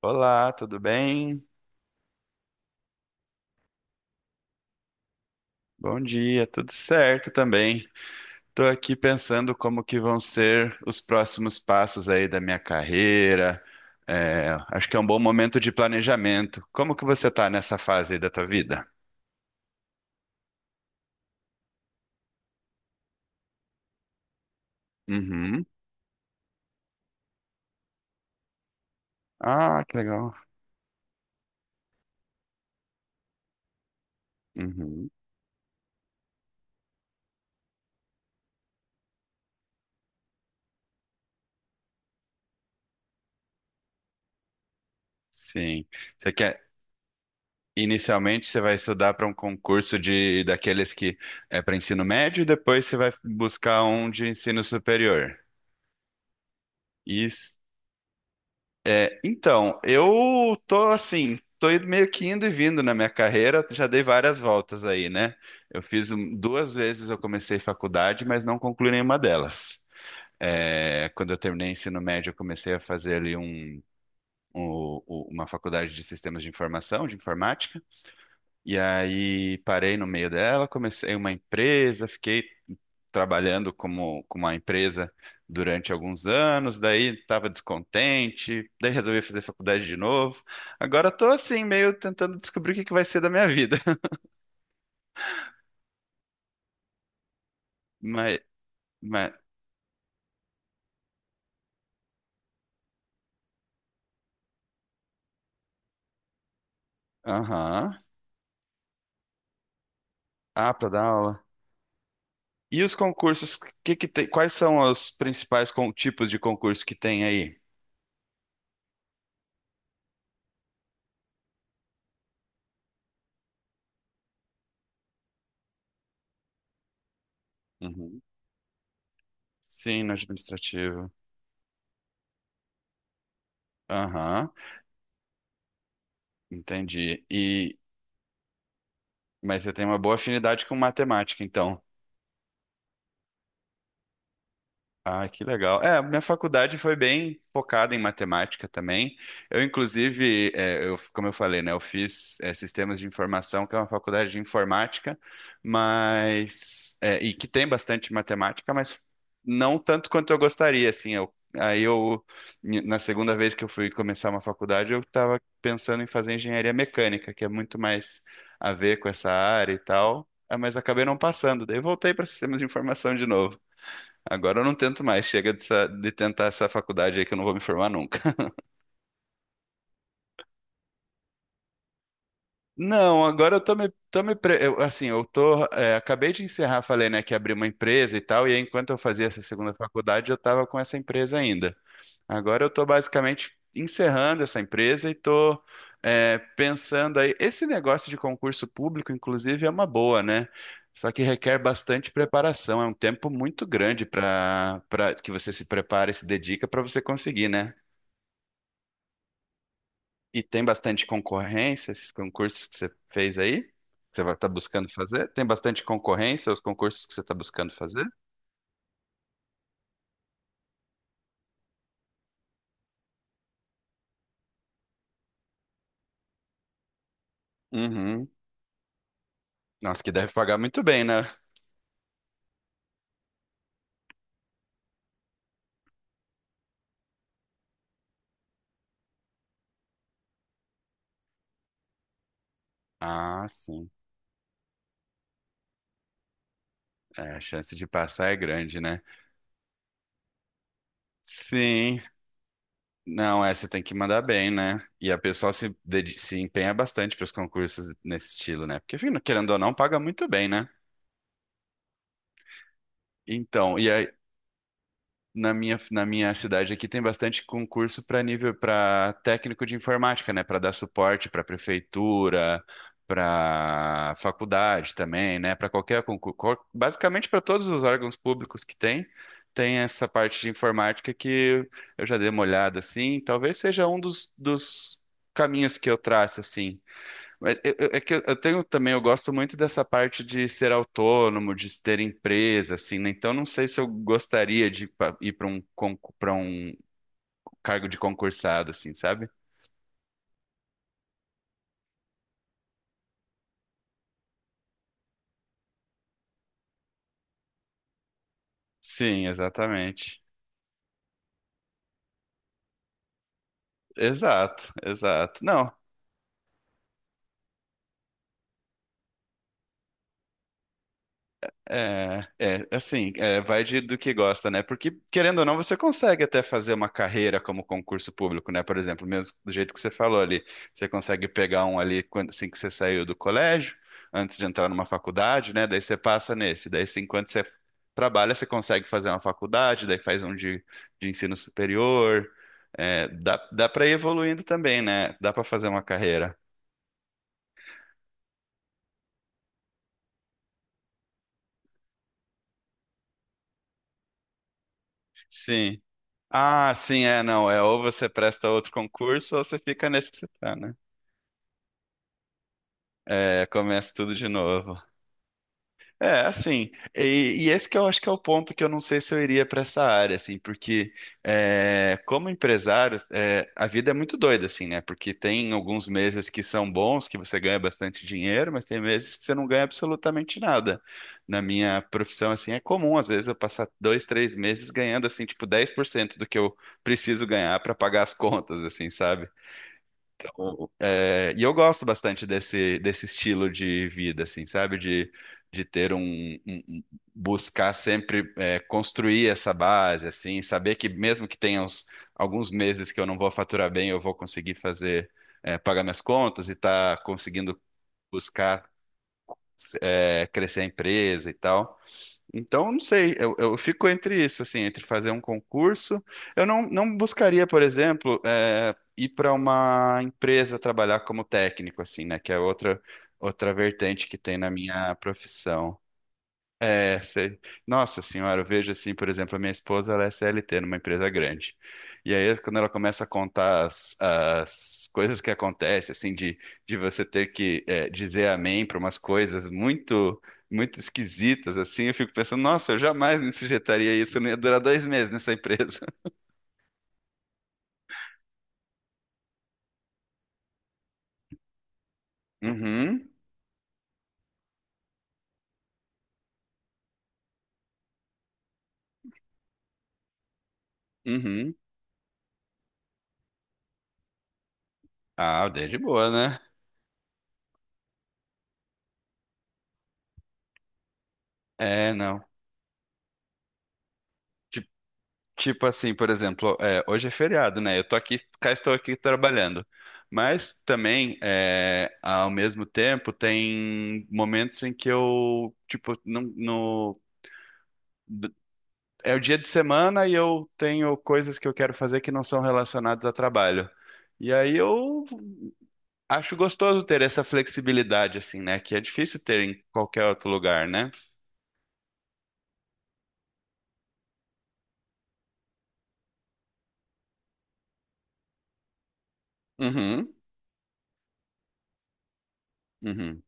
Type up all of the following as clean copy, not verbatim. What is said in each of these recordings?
Olá, tudo bem? Bom dia, tudo certo também. Estou aqui pensando como que vão ser os próximos passos aí da minha carreira. É, acho que é um bom momento de planejamento. Como que você está nessa fase aí da tua vida? Uhum. Ah, que legal. Uhum. Sim. Você quer, inicialmente você vai estudar para um concurso de daqueles que é para ensino médio e depois você vai buscar um de ensino superior. Isso. É, então, eu tô assim, meio que indo e vindo na minha carreira, já dei várias voltas aí, né? Duas vezes eu comecei faculdade, mas não concluí nenhuma delas. É, quando eu terminei ensino médio, eu comecei a fazer ali uma faculdade de sistemas de informação, de informática, e aí parei no meio dela, comecei uma empresa, fiquei trabalhando com uma empresa durante alguns anos, daí estava descontente, daí resolvi fazer faculdade de novo. Agora estou assim, meio tentando descobrir o que que vai ser da minha vida. Mas, mas, aham. Ah, para dar aula. E os concursos, que tem, quais são os tipos de concurso que tem aí? Uhum. Sim, no administrativo. Aham, entendi. E, mas você tem uma boa afinidade com matemática, então. Ah, que legal. É, minha faculdade foi bem focada em matemática também. Eu, como eu falei, né, eu fiz sistemas de informação, que é uma faculdade de informática, e que tem bastante matemática, mas não tanto quanto eu gostaria, assim. Na segunda vez que eu fui começar uma faculdade, eu estava pensando em fazer engenharia mecânica, que é muito mais a ver com essa área e tal. Ah, mas acabei não passando, daí voltei para sistemas de informação de novo. Agora eu não tento mais, chega de tentar essa faculdade aí que eu não vou me formar nunca. Não, agora eu tô me pre- eu, assim, eu tô, é, acabei de encerrar, falei, né, que abri uma empresa e tal, e aí, enquanto eu fazia essa segunda faculdade, eu tava com essa empresa ainda. Agora eu tô basicamente encerrando essa empresa e tô, é, pensando aí, esse negócio de concurso público, inclusive, é uma boa, né? Só que requer bastante preparação, é um tempo muito grande para que você se prepare, se dedica para você conseguir, né? E tem bastante concorrência, esses concursos que você fez aí? Que você vai estar buscando fazer? Tem bastante concorrência os concursos que você está buscando fazer? Uhum. Nossa, que deve pagar muito bem, né? Ah, sim. É, a chance de passar é grande, né? Sim. Não, é, você tem que mandar bem, né? E a pessoa se empenha bastante para os concursos nesse estilo, né? Porque, enfim, querendo ou não, paga muito bem, né? Então, e aí, na minha cidade aqui tem bastante concurso para técnico de informática, né? Para dar suporte para prefeitura, para faculdade também, né? Para qualquer concurso, basicamente para todos os órgãos públicos que tem, tem essa parte de informática que eu já dei uma olhada assim. Talvez seja um dos caminhos que eu traço assim. Mas é que eu tenho também, eu gosto muito dessa parte de ser autônomo, de ter empresa, assim, né? Então não sei se eu gostaria de ir para para um cargo de concursado, assim, sabe? Sim, exatamente. Exato, exato. Não, é, é, é assim, é, vai de, do que gosta, né? Porque, querendo ou não, você consegue até fazer uma carreira como concurso público, né? Por exemplo, mesmo do jeito que você falou ali, você consegue pegar um assim que você saiu do colégio, antes de entrar numa faculdade, né? Daí você passa nesse, daí assim, enquanto você trabalha, você consegue fazer uma faculdade, daí faz um de ensino superior. É, dá para ir evoluindo também, né? Dá para fazer uma carreira. Sim. Ah, sim, é, não. É ou você presta outro concurso ou você fica nesse que você tá, né? É, começa tudo de novo. É, assim, e esse que eu acho que é o ponto que eu não sei se eu iria para essa área, assim, porque é, como empresário, é, a vida é muito doida, assim, né? Porque tem alguns meses que são bons, que você ganha bastante dinheiro, mas tem meses que você não ganha absolutamente nada. Na minha profissão, assim, é comum, às vezes, eu passar 2, 3 meses ganhando, assim, tipo, 10% do que eu preciso ganhar para pagar as contas, assim, sabe? O- É, e eu gosto bastante desse estilo de vida, assim, sabe? De ter buscar sempre é, construir essa base, assim, saber que mesmo que alguns meses que eu não vou faturar bem, eu vou conseguir fazer, é, pagar minhas contas e tá conseguindo buscar é, crescer a empresa e tal. Então, não sei, eu fico entre isso, assim, entre fazer um concurso. Eu não, Não buscaria, por exemplo, eh, ir para uma empresa trabalhar como técnico, assim, né? Que é outra vertente que tem na minha profissão. É, sei. Nossa senhora, eu vejo assim, por exemplo, a minha esposa, ela é CLT numa empresa grande. E aí, quando ela começa a contar as coisas que acontecem, assim, de, de você ter que dizer amém para umas coisas muito esquisitas, assim, eu fico pensando, nossa, eu jamais me sujeitaria a isso, eu não ia durar 2 meses nessa empresa. Uhum, uhum. Ah, daí é de boa, né? É, não. Tipo, Tipo assim, por exemplo, é, hoje é feriado, né? Eu tô aqui, cá estou aqui trabalhando. Mas também, é, ao mesmo tempo, tem momentos em que eu, tipo, não, no, d- é o dia de semana e eu tenho coisas que eu quero fazer que não são relacionadas a trabalho. E aí eu acho gostoso ter essa flexibilidade, assim, né? Que é difícil ter em qualquer outro lugar, né? Uhum, uhum.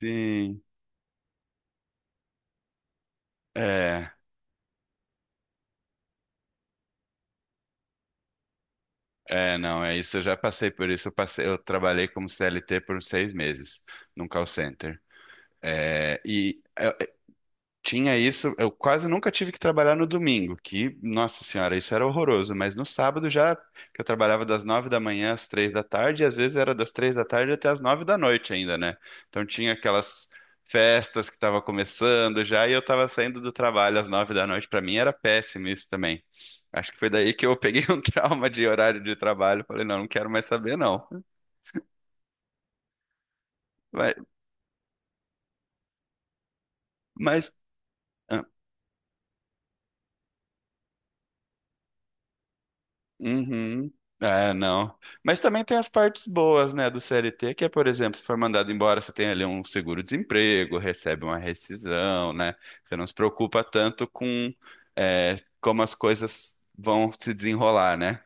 Sim, é. É, não, é isso. Eu já passei por isso. Eu trabalhei como CLT por 6 meses num call center. É, e tinha isso, eu quase nunca tive que trabalhar no domingo, que, nossa senhora, isso era horroroso, mas no sábado já, que eu trabalhava das 9 da manhã às 3 da tarde, e às vezes era das 3 da tarde até às 9 da noite ainda, né? Então tinha aquelas festas que estavam começando já, e eu estava saindo do trabalho às 9 da noite, para mim era péssimo isso também. Acho que foi daí que eu peguei um trauma de horário de trabalho, falei, não, não quero mais saber não. Mas, mas Uhum. É, não. Mas também tem as partes boas, né, do CLT, que é, por exemplo, se for mandado embora, você tem ali um seguro-desemprego, recebe uma rescisão, né? Você não se preocupa tanto é, como as coisas vão se desenrolar, né?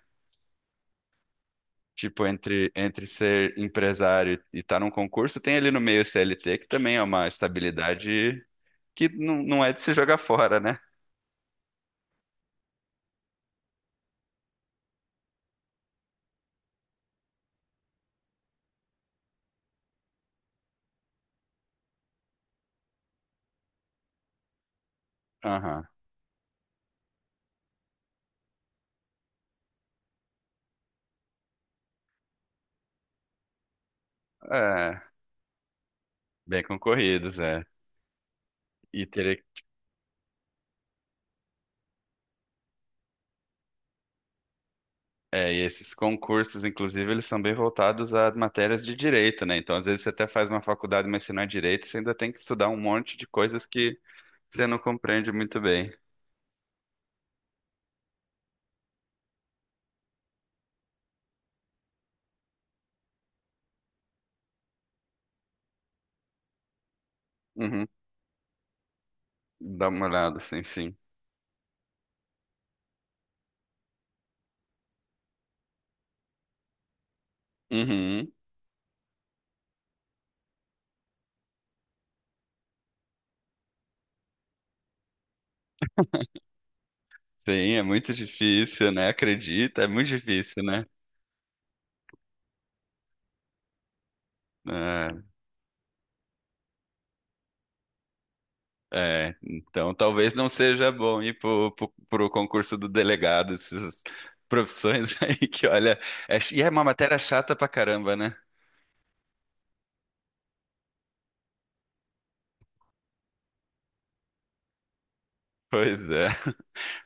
Tipo, entre ser empresário e estar num concurso, tem ali no meio o CLT, que também é uma estabilidade que não é de se jogar fora, né? Aham. É, bem concorridos, é. E teria é, e esses concursos, inclusive, eles são bem voltados a matérias de direito, né? Então, às vezes, você até faz uma faculdade, mas se não é direito, você ainda tem que estudar um monte de coisas que você não compreende muito bem. Uhum. Dá uma olhada, sim, sim. Uhum. Sim, é muito difícil, né? Acredita, é muito difícil, né? Ah, é, então talvez não seja bom ir pro concurso do delegado, essas profissões aí que, olha, e é uma matéria chata pra caramba, né? Pois é.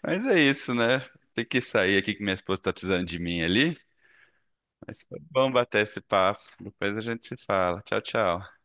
Mas é isso, né? Tem que sair aqui que minha esposa tá precisando de mim ali. Mas foi bom bater esse papo. Depois a gente se fala. Tchau, tchau.